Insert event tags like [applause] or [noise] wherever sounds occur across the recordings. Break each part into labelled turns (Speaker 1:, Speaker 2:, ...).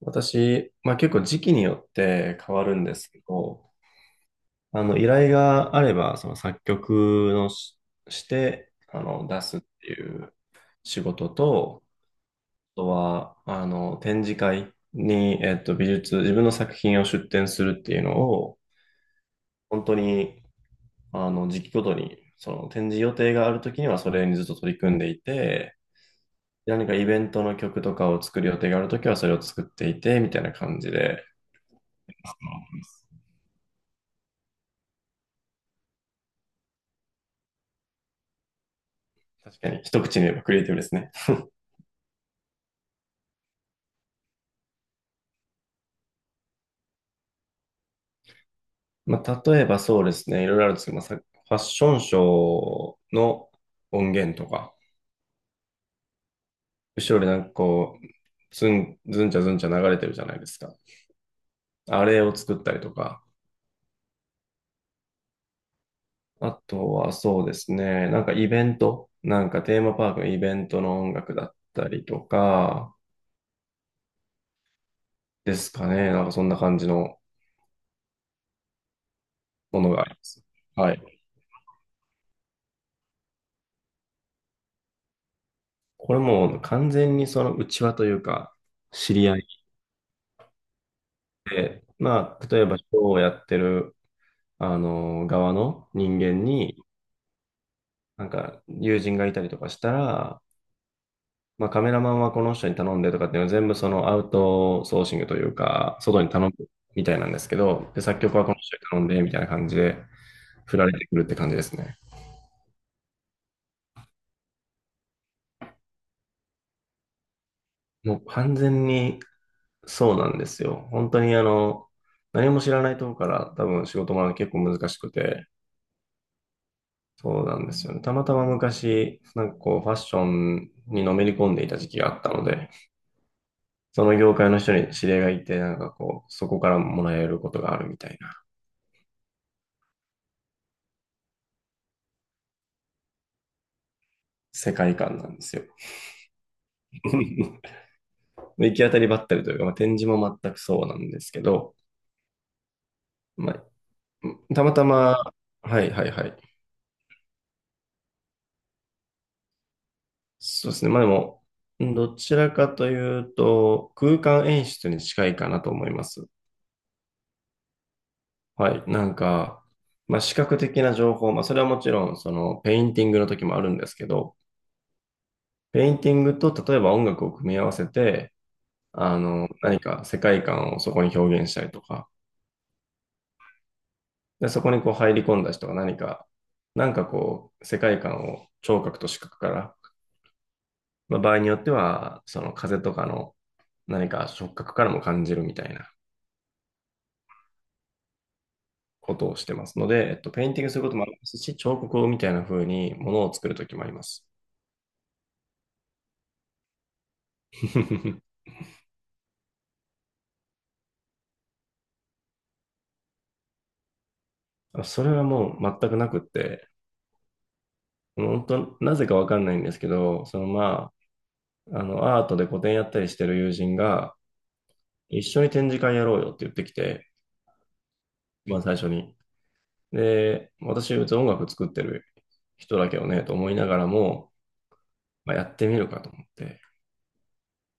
Speaker 1: 私、まあ結構時期によって変わるんですけど、依頼があれば、その作曲のして、出すっていう仕事と、あとは、展示会に、自分の作品を出展するっていうのを、本当に、時期ごとに、その展示予定があるときにはそれにずっと取り組んでいて、何かイベントの曲とかを作る予定があるときはそれを作っていて、みたいな感じで、確かに、一口に言えばクリエイティブですね。まあ、例えばそうですね、いろいろあるんですけど、まあ、ファッションショーの音源とか、後ろでなんかこう、ずん、ずんちゃずんちゃ流れてるじゃないですか。あれを作ったりとか、あとはそうですね、なんかイベント、なんかテーマパークのイベントの音楽だったりとか、ですかね、なんかそんな感じのものがあります。はい。これもう完全にその内輪というか、知り合いで、まあ、例えばショーをやってる、側の人間に、なんか、友人がいたりとかしたら、まあ、カメラマンはこの人に頼んでとかっていうのは全部そのアウトソーシングというか、外に頼むみたいなんですけど、で、作曲はこの人に頼んでみたいな感じで、振られてくるって感じですね。もう完全にそうなんですよ。本当に何も知らないところから多分仕事も結構難しくて、そうなんですよね。たまたま昔、なんかこう、ファッションにのめり込んでいた時期があったので、その業界の人に知り合いがいて、なんかこう、そこからもらえることがあるみたいな世界観なんですよ。[laughs] 行き当たりばったりというか、まあ、展示も全くそうなんですけど、まあ、たまたま、はいはいはい。そうですね。まあでも、どちらかというと、空間演出に近いかなと思います。はい。なんか、まあ、視覚的な情報、まあ、それはもちろん、その、ペインティングの時もあるんですけど、ペインティングと、例えば音楽を組み合わせて、何か世界観をそこに表現したりとか、で、そこにこう入り込んだ人が何か、なんかこう、世界観を聴覚と視覚から、まあ、場合によっては、その風とかの何か触覚からも感じるみたいなことをしてますので、ペインティングすることもありますし、彫刻みたいな風にものを作る時もあります。[laughs] あそれはもう全くなくって、本当、なぜかわかんないんですけど、そのまあ、アートで個展やったりしてる友人が、一緒に展示会やろうよって言ってきて、まあ最初に。で、私、別に音楽作ってる人だけどね、と思いながらも、まあ、やってみるかと思って。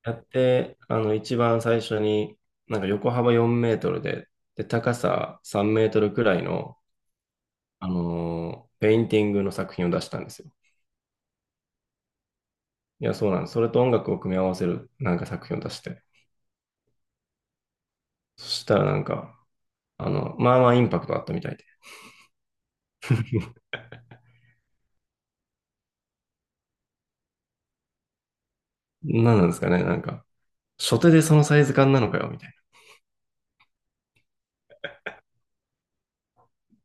Speaker 1: やって、一番最初に、なんか横幅4メートルで、高さ3メートルくらいの、ペインティングの作品を出したんですよ。いや、そうなんです。それと音楽を組み合わせるなんか作品を出して。そしたらなんか、まあまあインパクトあったみたいで。何なんですかね、なんか、初手でそのサイズ感なのかよ、みたいな。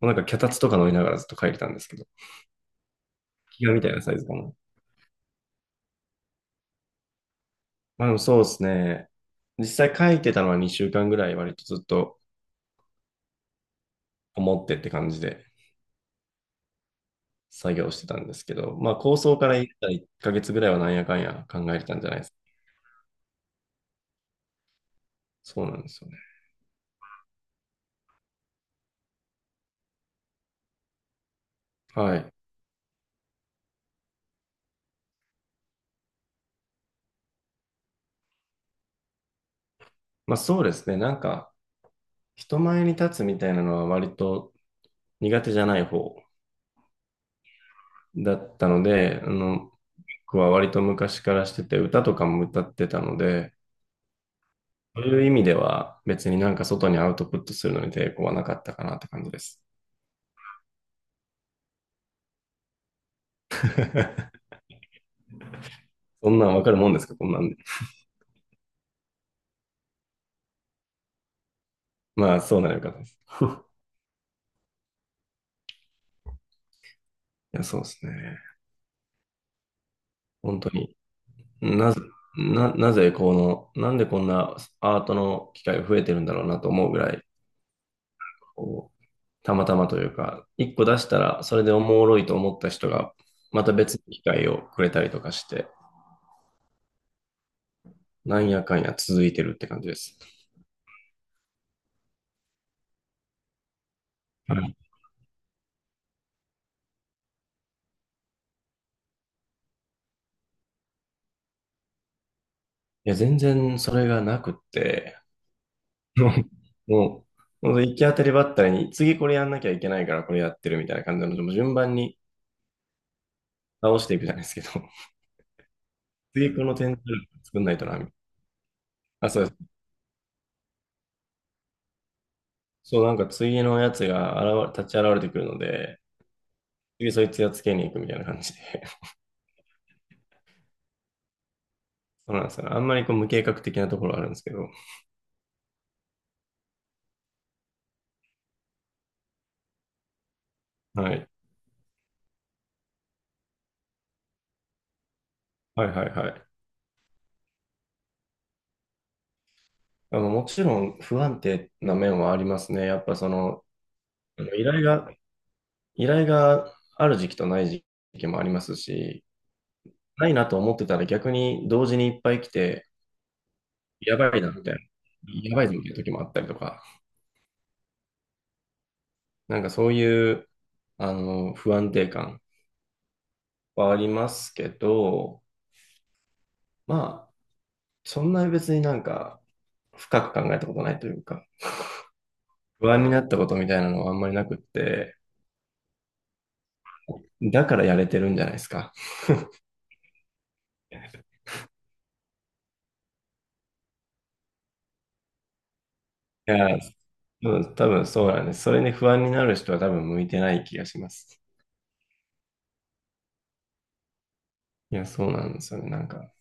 Speaker 1: もうなんか脚立とか乗りながらずっと書いてたんですけど、ギガみたいなサイズ感の。まあでもそうですね。実際書いてたのは2週間ぐらい割とずっと思ってって感じで作業してたんですけど、まあ構想から言ったら1ヶ月ぐらいはなんやかんや考えてたんじゃないですか。そうなんですよね。はい。まあそうですね。なんか人前に立つみたいなのは割と苦手じゃない方だったので、僕は割と昔からしてて、歌とかも歌ってたので、そういう意味では別になんか外にアウトプットするのに抵抗はなかったかなって感じです。そんなんわかるもんですかこんなんで。まあ、そうならよかったです。いや、そうですね。本当に。なぜ、な、なぜこの、なんでこんなアートの機会が増えてるんだろうなと思うぐらい、こう、たまたまというか、一個出したらそれでおもろいと思った人が、また別の機会をくれたりとかして、なんやかんや続いてるって感じです。はい。いや、全然それがなくって、[laughs] うんもう、ほんと行き当たりばったりに、次これやんなきゃいけないからこれやってるみたいな感じなので、もう順番に倒していくじゃないですけど、[laughs] 次この点数作んないとな、みたいなあ、そうです。そう、なんか次のやつが立ち現れてくるので、次そいつやっつけに行くみたいな感じで。[laughs] そうなんですよね。あんまりこう無計画的なところはあるんですけど。はい。はいはいはい。もちろん不安定な面はありますね。やっぱその、あの依頼が依頼がある時期とない時期もありますし、ないなと思ってたら逆に同時にいっぱい来て、やばいなみたいな、やばいぞみたいな時もあったりとか、なんかそういう不安定感はありますけど、まあ、そんなに別になんか深く考えたことないというか、不安になったことみたいなのはあんまりなくって、だからやれてるんじゃないですか。いや、多分そうなんです。それに不安になる人は多分向いてない気がします。いや、そうなんですよね。なんか。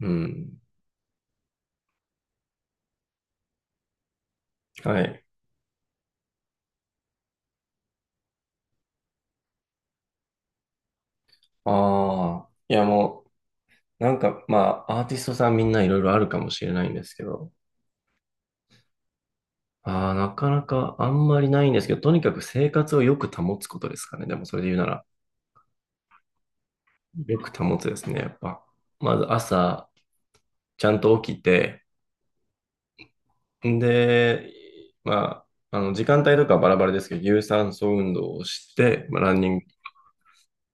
Speaker 1: うん。はい。ああ。いやもう、なんか、まあ、アーティストさんみんないろいろあるかもしれないんですけど、ああ、なかなかあんまりないんですけど、とにかく生活をよく保つことですかね。でもそれで言うなら、よく保つですね、やっぱ。まず朝、ちゃんと起きて、んで、まあ、時間帯とかはバラバラですけど、有酸素運動をして、まあ、ランニング、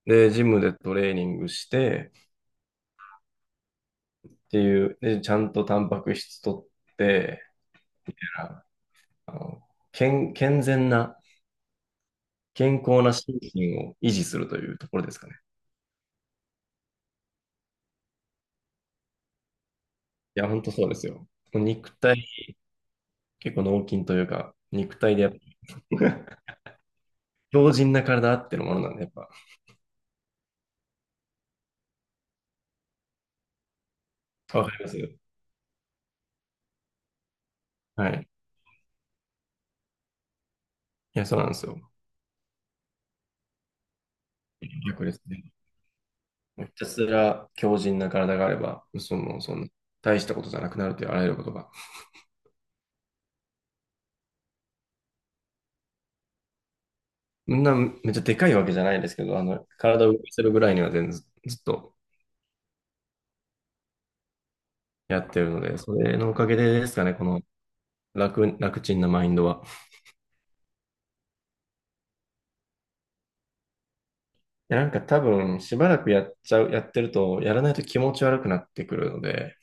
Speaker 1: で、ジムでトレーニングして、っていう、で、ちゃんとタンパク質取って、あの健全な、健康な心身を維持するというところですかね。いや、本当そうですよ。肉体、結構脳筋というか、肉体でやっぱ [laughs] 強靭な体あってのものなんで、やっぱ、わかりますよはい。いや、そうなんですよ。逆ですね。ひたすら強靭な体があれば、その、大したことじゃなくなるというあらゆることが。みんなめっちゃでかいわけじゃないですけど、体を動かせるぐらいには全然ずっとやってるので、それのおかげでですかね、この楽ちんなマインドは。や、なんか多分、しばらくやっちゃう、やってると、やらないと気持ち悪くなってくるので、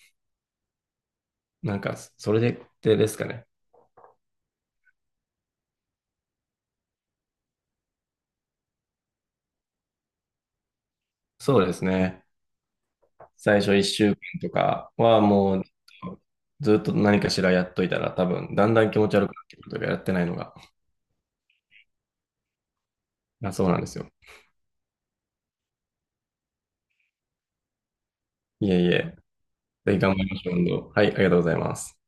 Speaker 1: なんか、それで、ですかね。そうですね。最初1週間とかはもう、ずっと何かしらやっといたら、多分、だんだん気持ち悪くなってくるというか、やってないのが。あ、そうなんですよ。いえいえ。ぜひ頑張りましょう、運動。はい、ありがとうございます。